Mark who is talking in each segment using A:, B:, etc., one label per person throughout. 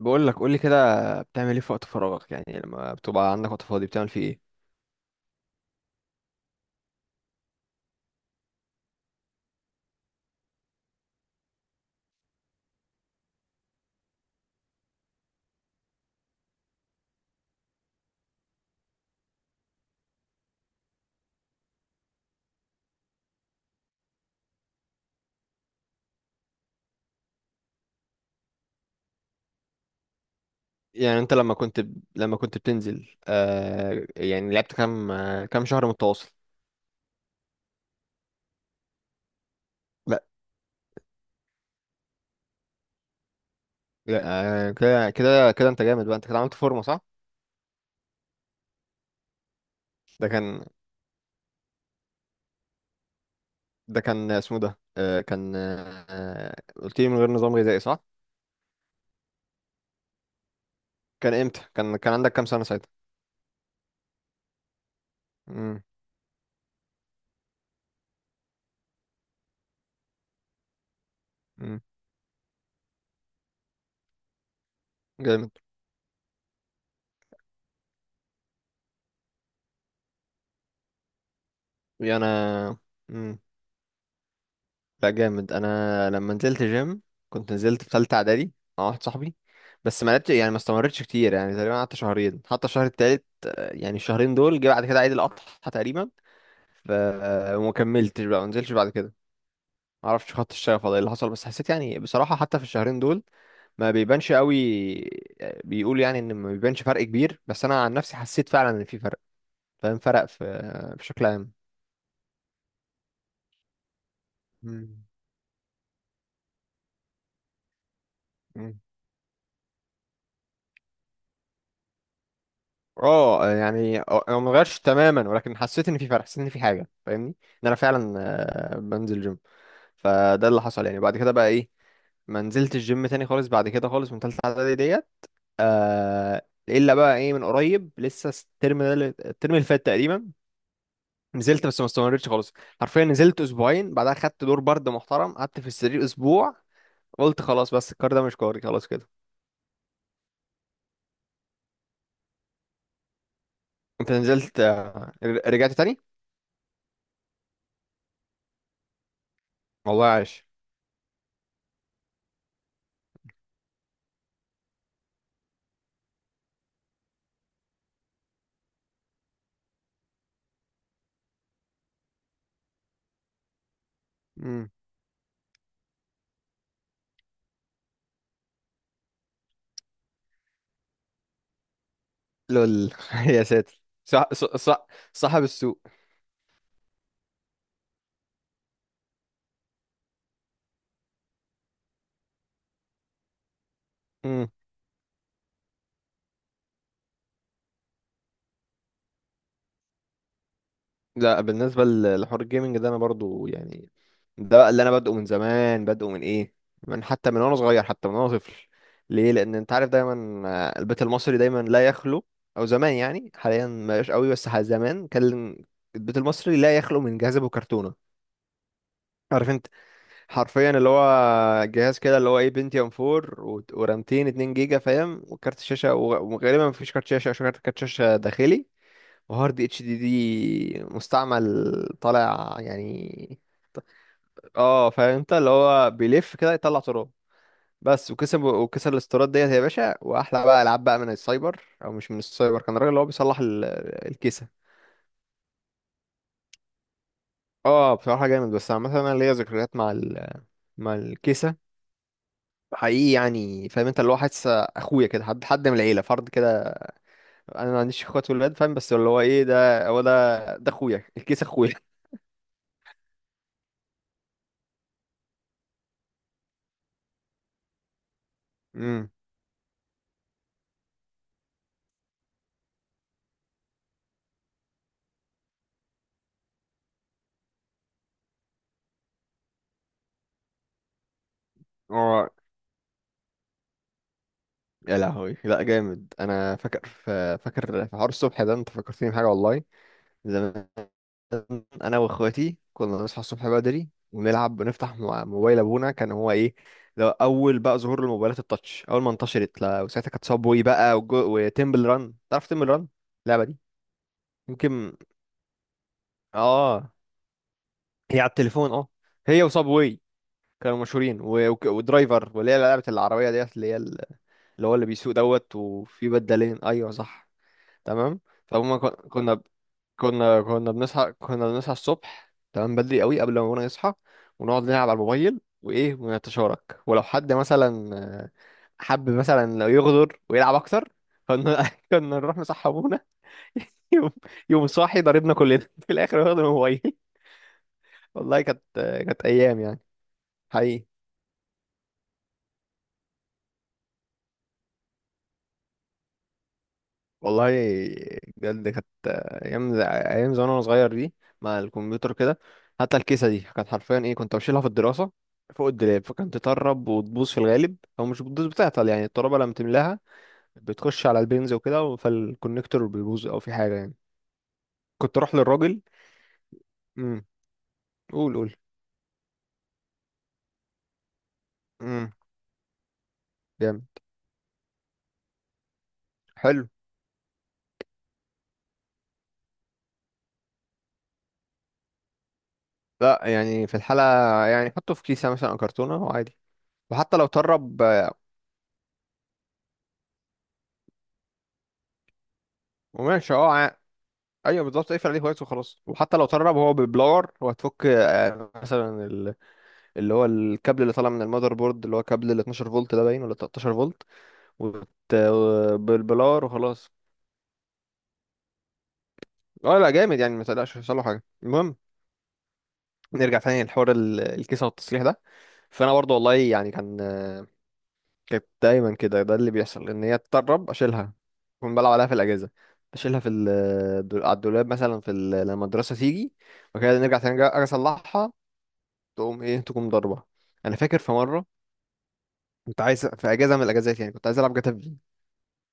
A: بقول لك قول لي كده. بتعمل ايه في وقت فراغك؟ يعني لما بتبقى عندك وقت فاضي بتعمل فيه ايه؟ يعني انت لما كنت بتنزل يعني لعبت كام كام شهر متواصل؟ لا لا. آه كده انت جامد بقى. انت كده عملت فورمه، صح؟ ده كان ده كان اسمه ده آه كان آه آه، قلت لي من غير نظام غذائي، صح؟ كان امتى كان كان عندك كام سنه ساعتها؟ امم. امم. جامد. يعني انا امم. لا جامد. انا لما نزلت جيم كنت نزلت في ثالثه اعدادي مع واحد صاحبي، بس ما لعبتش يعني ما استمرتش كتير، يعني تقريبا قعدت شهرين حتى الشهر التالت، يعني الشهرين دول جه بعد كده عيد الاضحى تقريبا. ف آه، وما كملتش بقى، ما نزلتش بعد كده. ما اعرفش خط الشغف ولا ايه اللي حصل، بس حسيت يعني بصراحه حتى في الشهرين دول ما بيبانش قوي. بيقول يعني ان ما بيبانش فرق كبير، بس انا عن نفسي حسيت فعلا ان في فرق. فاهم؟ فرق في بشكل عام. مم. اه يعني انا ما غيرش تماما ولكن حسيت ان في فرق، حسيت ان في حاجه فاهمني ان انا فعلا بنزل جيم. فده اللي حصل يعني. بعد كده بقى ايه، ما نزلت الجيم تاني خالص بعد كده خالص من تالتة اعدادي ديت. آه الا بقى ايه، من قريب لسه الترم ده الترم اللي فات تقريبا، نزلت بس ما استمرتش خالص. حرفيا نزلت اسبوعين بعدها خدت دور برد محترم قعدت في السرير اسبوع. قلت خلاص، بس الكار ده مش كاري خلاص كده. انت نزلت رجعت تاني. والله عاش. لول يا ساتر، صح صح صح. صاحب السوق. امم. لا بالنسبه لحوار الجيمنج ده انا برضو يعني، ده بقى اللي انا بادئه من زمان، بادئه من ايه، من حتى من وانا صغير، حتى من وانا طفل. ليه؟ لان انت عارف دايما البيت المصري دايما لا يخلو، او زمان يعني، حاليا ما بقاش قوي بس زمان كان البيت المصري لا يخلو من جهاز ابو كرتونه. عارف؟ حرفيا اللي هو جهاز كده اللي هو ايه، بنتيوم 4 ورامتين 2 جيجا فاهم، وكارت شاشه وغالبا مفيش كارت شاشه عشان كارت شاشه داخلي، وهارد اتش دي دي مستعمل طالع يعني. اه فاهم، انت اللي هو بيلف كده يطلع تراب. بس وكسب وكسر الاستيراد ديت يا باشا، واحلى بقى العاب بقى من السايبر او مش من السايبر، كان الراجل اللي هو بيصلح الكيسه. اه بصراحه جامد. بس عامه انا ليا ذكريات مع مع الكيسه حقيقي. يعني فاهم، انت اللي هو حاسس اخويا كده، حد من العيله، فرد كده. انا ما عنديش اخوات ولاد فاهم، بس اللي هو ايه، ده هو ده اخويا، الكيس اخويا. امم. اه يا لهوي لا جامد. انا فاكر في حوار الصبح ده، انت فكرتني بحاجه والله، زمان انا واخواتي كنا نصحى الصبح بدري ونلعب ونفتح موبايل ابونا. كان هو ايه، ده اول بقى ظهور الموبايلات التاتش اول ما انتشرت. لا وساعتها كانت صابوي بقى وتمبل ران. تعرف تمبل ران، اللعبه دي؟ يمكن. اه، هي على التليفون اه، هي وصابواي كانوا مشهورين ودرايفر، واللي هي لعبة العربية ديت اللي هي اللي هو اللي بيسوق دوت وفي بدالين. ايوه صح. تمام. فهم كنا بنصحى، كنا بنصحى الصبح تمام بدري قوي قبل ما ابونا يصحى، ونقعد نلعب على الموبايل وايه، ونتشارك. ولو حد مثلا حب مثلا لو يغدر ويلعب اكتر، كنا كنا نروح نصحى ابونا. يوم يوم صاحي ضربنا كلنا في الاخر واخد الموبايل. والله كانت، كانت ايام يعني، حقيقي. والله بجد كانت ايام زمان وانا صغير دي، مع الكمبيوتر كده. حتى الكيسه دي كانت حرفيا ايه، كنت بشيلها في الدراسه فوق الدولاب، فكانت تطرب وتبوظ، في الغالب او مش بتبوظ بتعطل يعني، الترابه لما تملاها بتخش على البنز وكده، فالكونكتور بيبوظ او في حاجه يعني. كنت اروح للراجل. امم. قول قول. امم. جامد. حلو. لا يعني في الحاله يعني حطه في كيسه مثلا او كرتونه وعادي، وحتى لو طرب، وماشي اه. ايوه بالظبط، اقفل عليه كويس وخلاص. وحتى لو ترب هو بالبلاور، هو هتفك مثلا اللي هو الكابل اللي طالع من المذر بورد، اللي هو كابل ال 12 فولت ده باين، ولا 13 فولت. وت... بالبلاور وخلاص. اه لا جامد يعني، ما تقلقش مش هيحصل له حاجه. المهم، نرجع تاني لحوار الكيسه والتصليح ده. فانا برضو والله يعني كان كانت دايما كده، ده اللي بيحصل ان هي تتطرب اشيلها. كنت بلعب عليها في الاجازه، اشيلها على الدولاب مثلا في لما الدراسه تيجي وكده، نرجع تاني أجي اصلحها، تقوم ايه تقوم ضربة. انا فاكر في مرة كنت عايز، في اجازة من الاجازات يعني، كنت عايز العب جاتا في،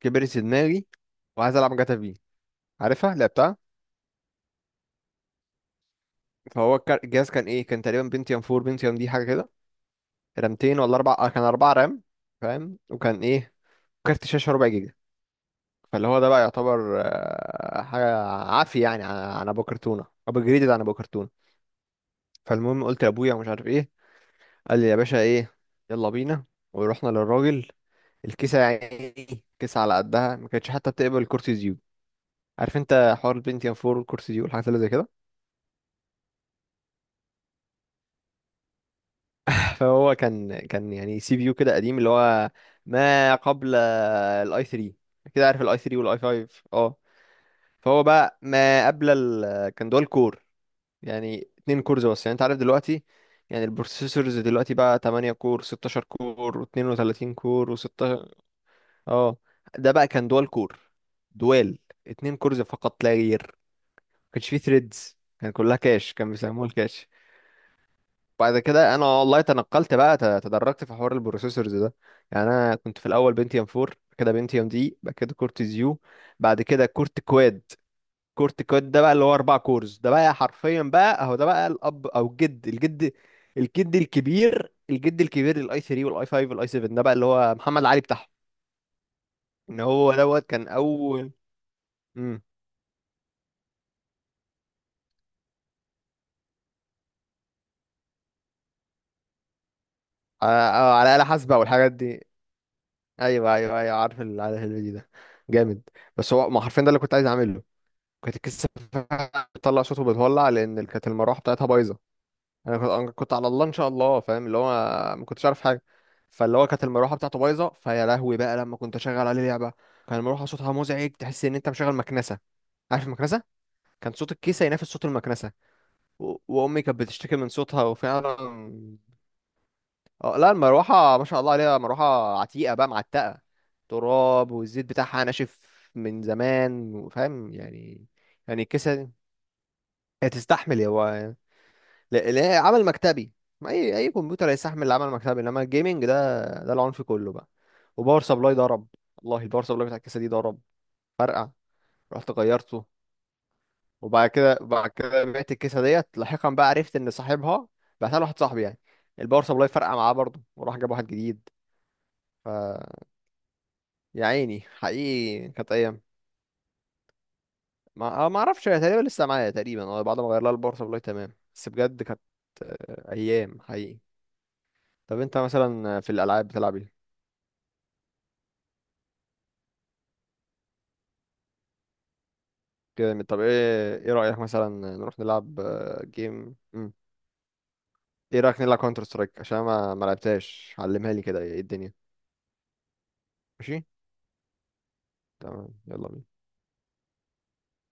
A: كبرت في دماغي وعايز العب جاتا في. عارفها؟ لعبتها. الجهاز كان ايه، كان تقريبا بنتيوم 4، بنتيوم دي حاجة كده، رامتين ولا اربعة، كان اربعة رام فاهم. وكان ايه، كارت شاشة ربع جيجا. فاللي هو ده بقى يعتبر حاجة عافية يعني، عن ابو كرتونة ابو جريدد عن ابو كرتونة. فالمهم قلت لابويا ومش عارف ايه، قال لي يا باشا ايه، يلا بينا. ورحنا للراجل. الكيسة يا عيني، كيسة على قدها، ما كانتش حتى بتقبل كرسي زيوت. عارف انت حوار البنتيوم 4 والكرسي زيوت والحاجات اللي زي كده. فهو كان، كان يعني سي بي يو كده قديم، اللي هو ما قبل الاي 3. كده عارف الاي 3 والاي 5، اه. فهو بقى ما قبل كان دول كور، يعني اتنين كورز بس، يعني انت عارف دلوقتي، يعني البروسيسورز دلوقتي بقى 8 كور، 16 كور، و32 كور، و16. اه. ده بقى كان دول كور، دوال، اتنين كورز فقط لا غير. كانش فيه ثريدز، كان كلها كاش، كان بيسموه الكاش. بعد كده انا والله تنقلت بقى، تدرجت في حوار البروسيسورز ده، يعني انا كنت في الاول بنتيوم 4، بعد كده بنتيوم دي، بعد كده كورت زيو، بعد كده كورت كواد. كورت كواد ده بقى اللي هو اربع كورز، ده بقى حرفيا بقى اهو، ده بقى الاب، او الجد الجد الكبير، الجد الكبير للاي 3 والاي 5 والاي 7، ده بقى اللي هو محمد علي بتاعهم، ان هو دوت كان اول. امم. على على آلة حاسبة والحاجات دي. ايوه ايوه ايوه، عارف عارف الفيديو ده، جامد. بس هو ما حرفيا ده اللي كنت عايز اعمله. كانت الكيسه بتطلع صوته بتولع، لان كانت المروحه بتاعتها بايظه. انا كنت أنا كنت على الله ان شاء الله فاهم، اللي هو ما كنتش عارف حاجه. فاللي هو كانت المروحه بتاعته بايظه، فيا لهوي بقى لما كنت اشغل عليه لعبه، كان المروحه صوتها مزعج، تحس ان انت مشغل مكنسه. عارف المكنسه؟ كان صوت الكيسه ينافس صوت المكنسه. وامي كانت بتشتكي من صوتها، وفعلا. اه لا المروحة ما شاء الله عليها، مروحة عتيقة بقى معتقة، تراب والزيت بتاعها ناشف من زمان، وفاهم يعني. يعني الكيسة هي تستحمل. هو لا لا، عمل مكتبي، ما اي اي كمبيوتر هيستحمل العمل المكتبي، انما الجيمنج ده ده العنف كله بقى. وباور سبلاي ضرب، والله الباور سبلاي بتاع الكيسة دي ضرب، فرقع، رحت غيرته. وبعد كده بعد كده بعت الكيسة ديت، لاحقا بقى عرفت ان صاحبها، بعتها لواحد صاحبي يعني، الباور سبلاي فرقع معاه برضه وراح جاب واحد جديد. يا عيني حقيقي كانت ايام. ما ما اعرفش، هي تقريبا لسه معايا تقريبا، اه، بعد ما غير لها البورصه والله تمام، بس بجد كانت ايام حقيقي. طب انت مثلا في الالعاب بتلعب ايه؟ كده طب ايه، ايه رايك مثلا نروح نلعب جيم. مم. ايه رايك نلعب كونتر سترايك عشان ما ما لعبتهاش، علمها لي كده، ايه الدنيا. ماشي. تمام يلا بينا.